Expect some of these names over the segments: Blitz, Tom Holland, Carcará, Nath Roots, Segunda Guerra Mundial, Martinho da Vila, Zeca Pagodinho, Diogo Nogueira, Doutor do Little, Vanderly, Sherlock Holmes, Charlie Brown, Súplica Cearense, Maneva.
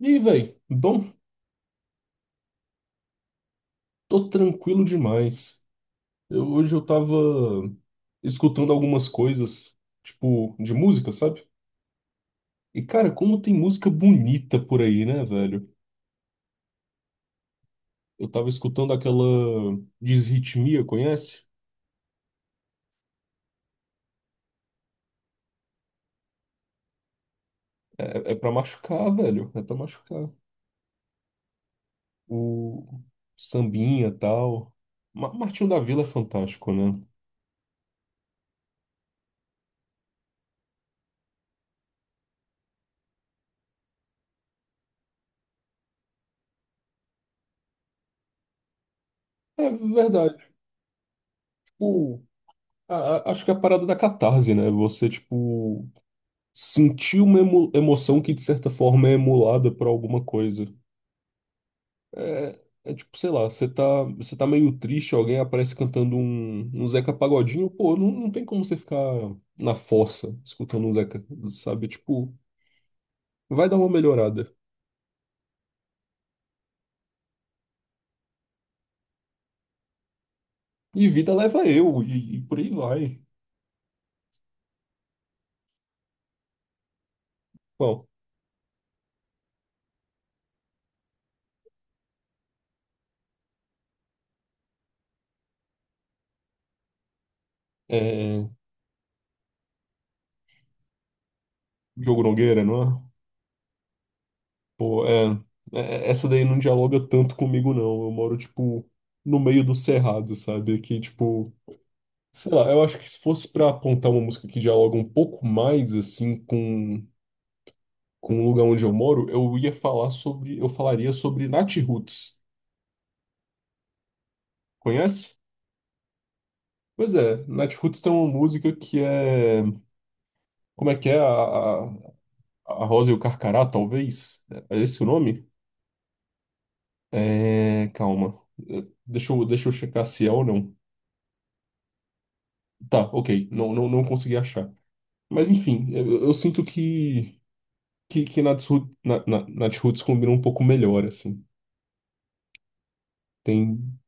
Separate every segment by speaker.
Speaker 1: E aí, velho? Bom, tô tranquilo demais. Hoje eu tava escutando algumas coisas, tipo, de música, sabe? E, cara, como tem música bonita por aí, né, velho? Eu tava escutando aquela Desritmia, conhece? É, é pra machucar, velho. É pra machucar. O sambinha, tal. Martinho da Vila é fantástico, né? É verdade. Tipo, acho que é a parada da catarse, né? Você, tipo, sentir uma emoção que de certa forma é emulada por alguma coisa. É, é tipo, sei lá, você tá, meio triste, alguém aparece cantando um Zeca Pagodinho, pô, não tem como você ficar na fossa escutando um Zeca, sabe? Tipo, vai dar uma melhorada. E vida leva eu, e por aí vai. Bom, é, Diogo Nogueira, não é? Pô, essa daí não dialoga tanto comigo, não. Eu moro, tipo, no meio do cerrado, sabe? Que, tipo, sei lá, eu acho que se fosse pra apontar uma música que dialoga um pouco mais assim com o lugar onde eu moro, eu falaria sobre Nath Roots. Conhece? Pois é, Nath Roots tem uma música que é, como é que é? A Rosa e o Carcará, talvez? É esse o nome? É, calma. É, deixa eu checar se é ou não. Tá, ok, não consegui achar. Mas enfim, eu sinto que Nath Roots, Nath Roots combina um pouco melhor assim. Tem.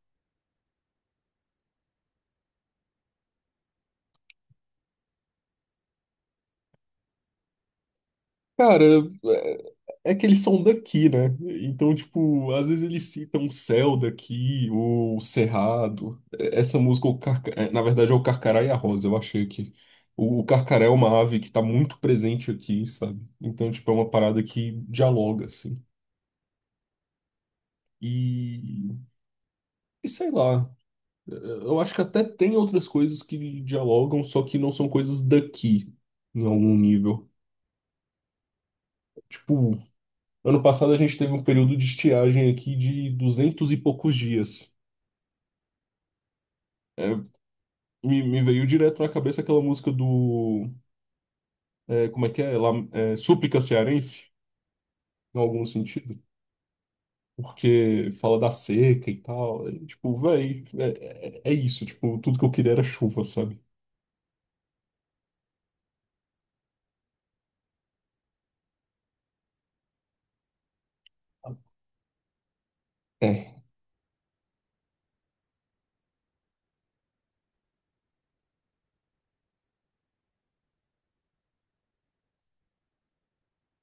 Speaker 1: Cara, é é que eles são daqui, né? Então, tipo, às vezes eles citam o Céu daqui, ou o Cerrado. Essa música, o é, na verdade, é o Carcará e a Rosa, eu achei que. O Carcará é uma ave que tá muito presente aqui, sabe? Então, tipo, é uma parada que dialoga, assim. E, e sei lá. Eu acho que até tem outras coisas que dialogam, só que não são coisas daqui, em algum nível. Tipo, ano passado a gente teve um período de estiagem aqui de duzentos e poucos dias. É, me veio direto na cabeça aquela música do. Como é que é? Lá, é? Súplica Cearense, em algum sentido. Porque fala da seca e tal. E, tipo, véi, é isso. Tipo, tudo que eu queria era chuva, sabe? É,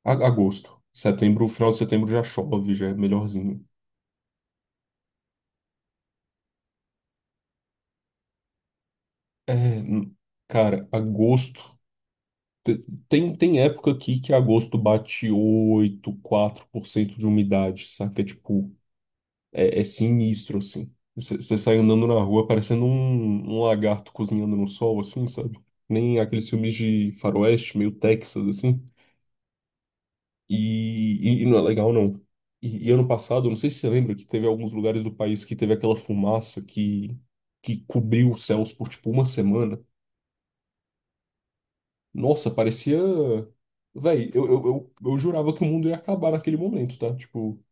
Speaker 1: agosto. Setembro, final de setembro já chove, já é melhorzinho. É, n- cara, agosto. Te- tem época aqui que agosto bate 84% de umidade, saca? É tipo, é sinistro, assim. Você sai andando na rua parecendo um, lagarto cozinhando no sol, assim, sabe? Nem aqueles filmes de faroeste, meio Texas, assim. E não é legal, não. E ano passado, eu não sei se você lembra, que teve alguns lugares do país que teve aquela fumaça que cobriu os céus por, tipo, uma semana. Nossa, parecia. Véi, eu jurava que o mundo ia acabar naquele momento, tá? Tipo,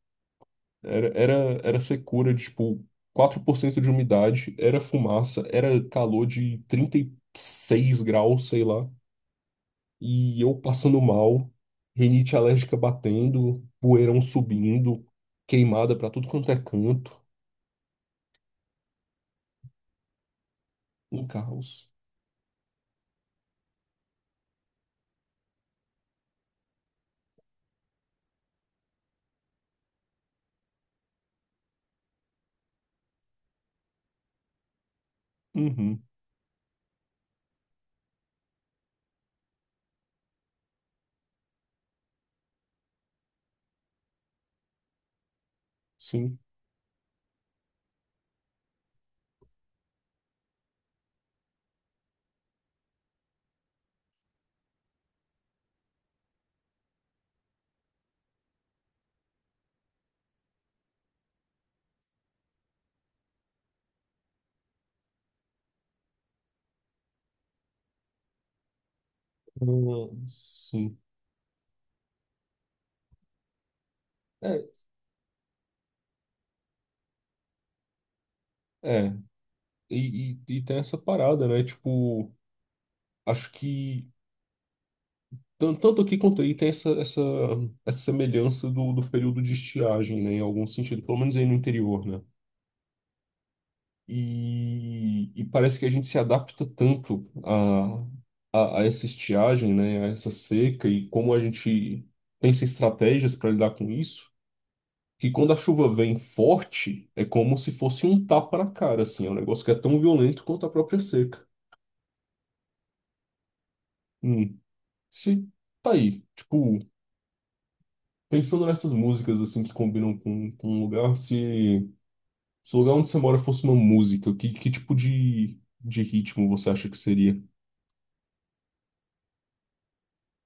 Speaker 1: era, era, era secura de, tipo, 4% de umidade, era fumaça, era calor de 36 graus, sei lá. E eu passando mal, rinite alérgica batendo, poeirão subindo, queimada pra tudo quanto é canto. Um caos. Uhum, sim. Sim. É, é. E tem essa parada, né? Tipo, acho que tanto aqui quanto aí tem essa, semelhança do período de estiagem, né, em algum sentido, pelo menos aí no interior, né? E parece que a gente se adapta tanto a essa estiagem, né, a essa seca e como a gente pensa em estratégias para lidar com isso, que quando a chuva vem forte, é como se fosse um tapa na cara, assim, é um negócio que é tão violento quanto a própria seca. Hum, se tá aí, tipo, pensando nessas músicas assim que combinam com um lugar, se o lugar onde você mora fosse uma música, que tipo de ritmo você acha que seria?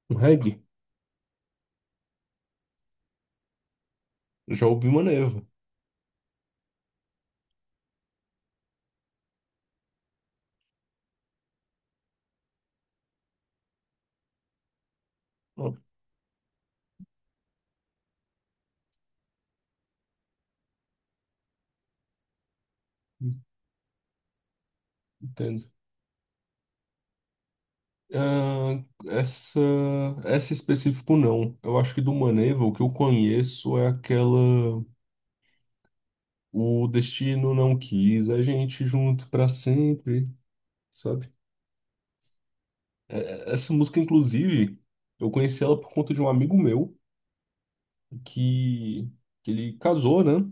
Speaker 1: Um reggae? Já ouvi uma neva. Ó, entendo. Ah, essa específico não. Eu acho que do Maneva, o que eu conheço é aquela O Destino Não Quis a gente junto pra sempre, sabe? Essa música, inclusive, eu conheci ela por conta de um amigo meu que, que ele casou, né?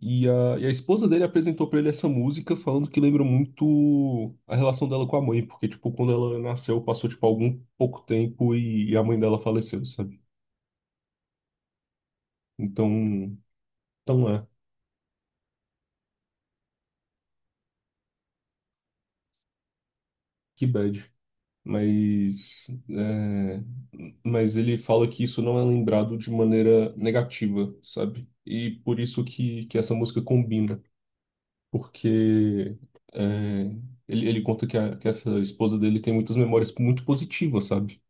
Speaker 1: E a esposa dele apresentou pra ele essa música falando que lembra muito a relação dela com a mãe, porque, tipo, quando ela nasceu, passou, tipo, algum pouco tempo e a mãe dela faleceu, sabe? Então, então é, que bad. Mas, é, mas ele fala que isso não é lembrado de maneira negativa, sabe? E por isso que essa música combina. Porque é, ele conta que, que essa esposa dele tem muitas memórias muito positivas, sabe?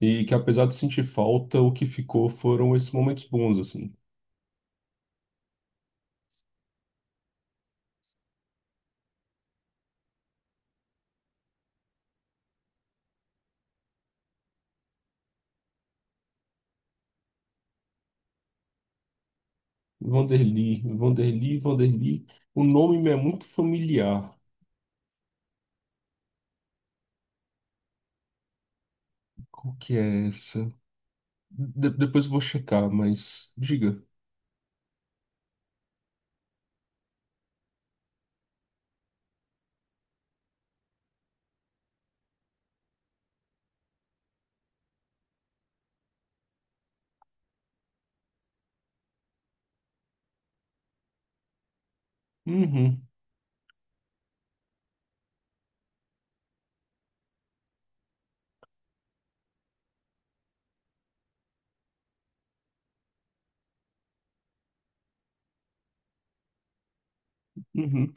Speaker 1: E que apesar de sentir falta, o que ficou foram esses momentos bons, assim. Vanderly, Vanderly, Vanderly. O nome me é muito familiar. Qual que é essa? Depois eu vou checar, mas diga. Uhum, uhum.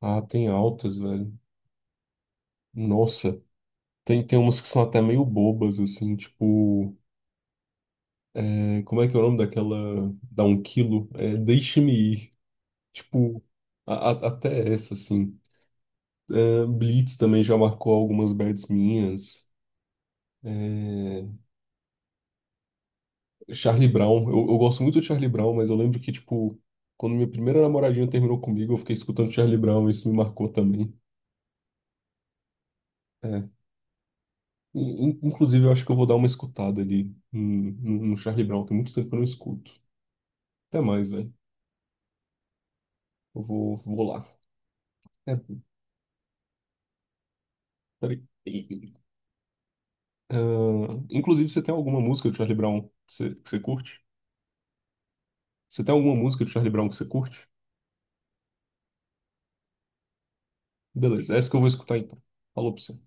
Speaker 1: Ah, tem altas, velho. Nossa, tem umas que são até meio bobas, assim, tipo. É, como é que é o nome daquela. Dá um quilo? É, deixe-me ir. Tipo, até essa, assim. É, Blitz também já marcou algumas bets minhas. É, Charlie Brown. Eu gosto muito de Charlie Brown, mas eu lembro que, tipo, quando minha primeira namoradinha terminou comigo, eu fiquei escutando Charlie Brown e isso me marcou também. É. Inclusive, eu acho que eu vou dar uma escutada ali no Charlie Brown. Tem muito tempo que eu não escuto. Até mais, velho. Eu vou lá. É, peraí. Ah, inclusive, você tem alguma música do Charlie Brown que você curte? Você tem alguma música do Charlie Brown que você curte? Beleza, é essa que eu vou escutar então. Falou pra você.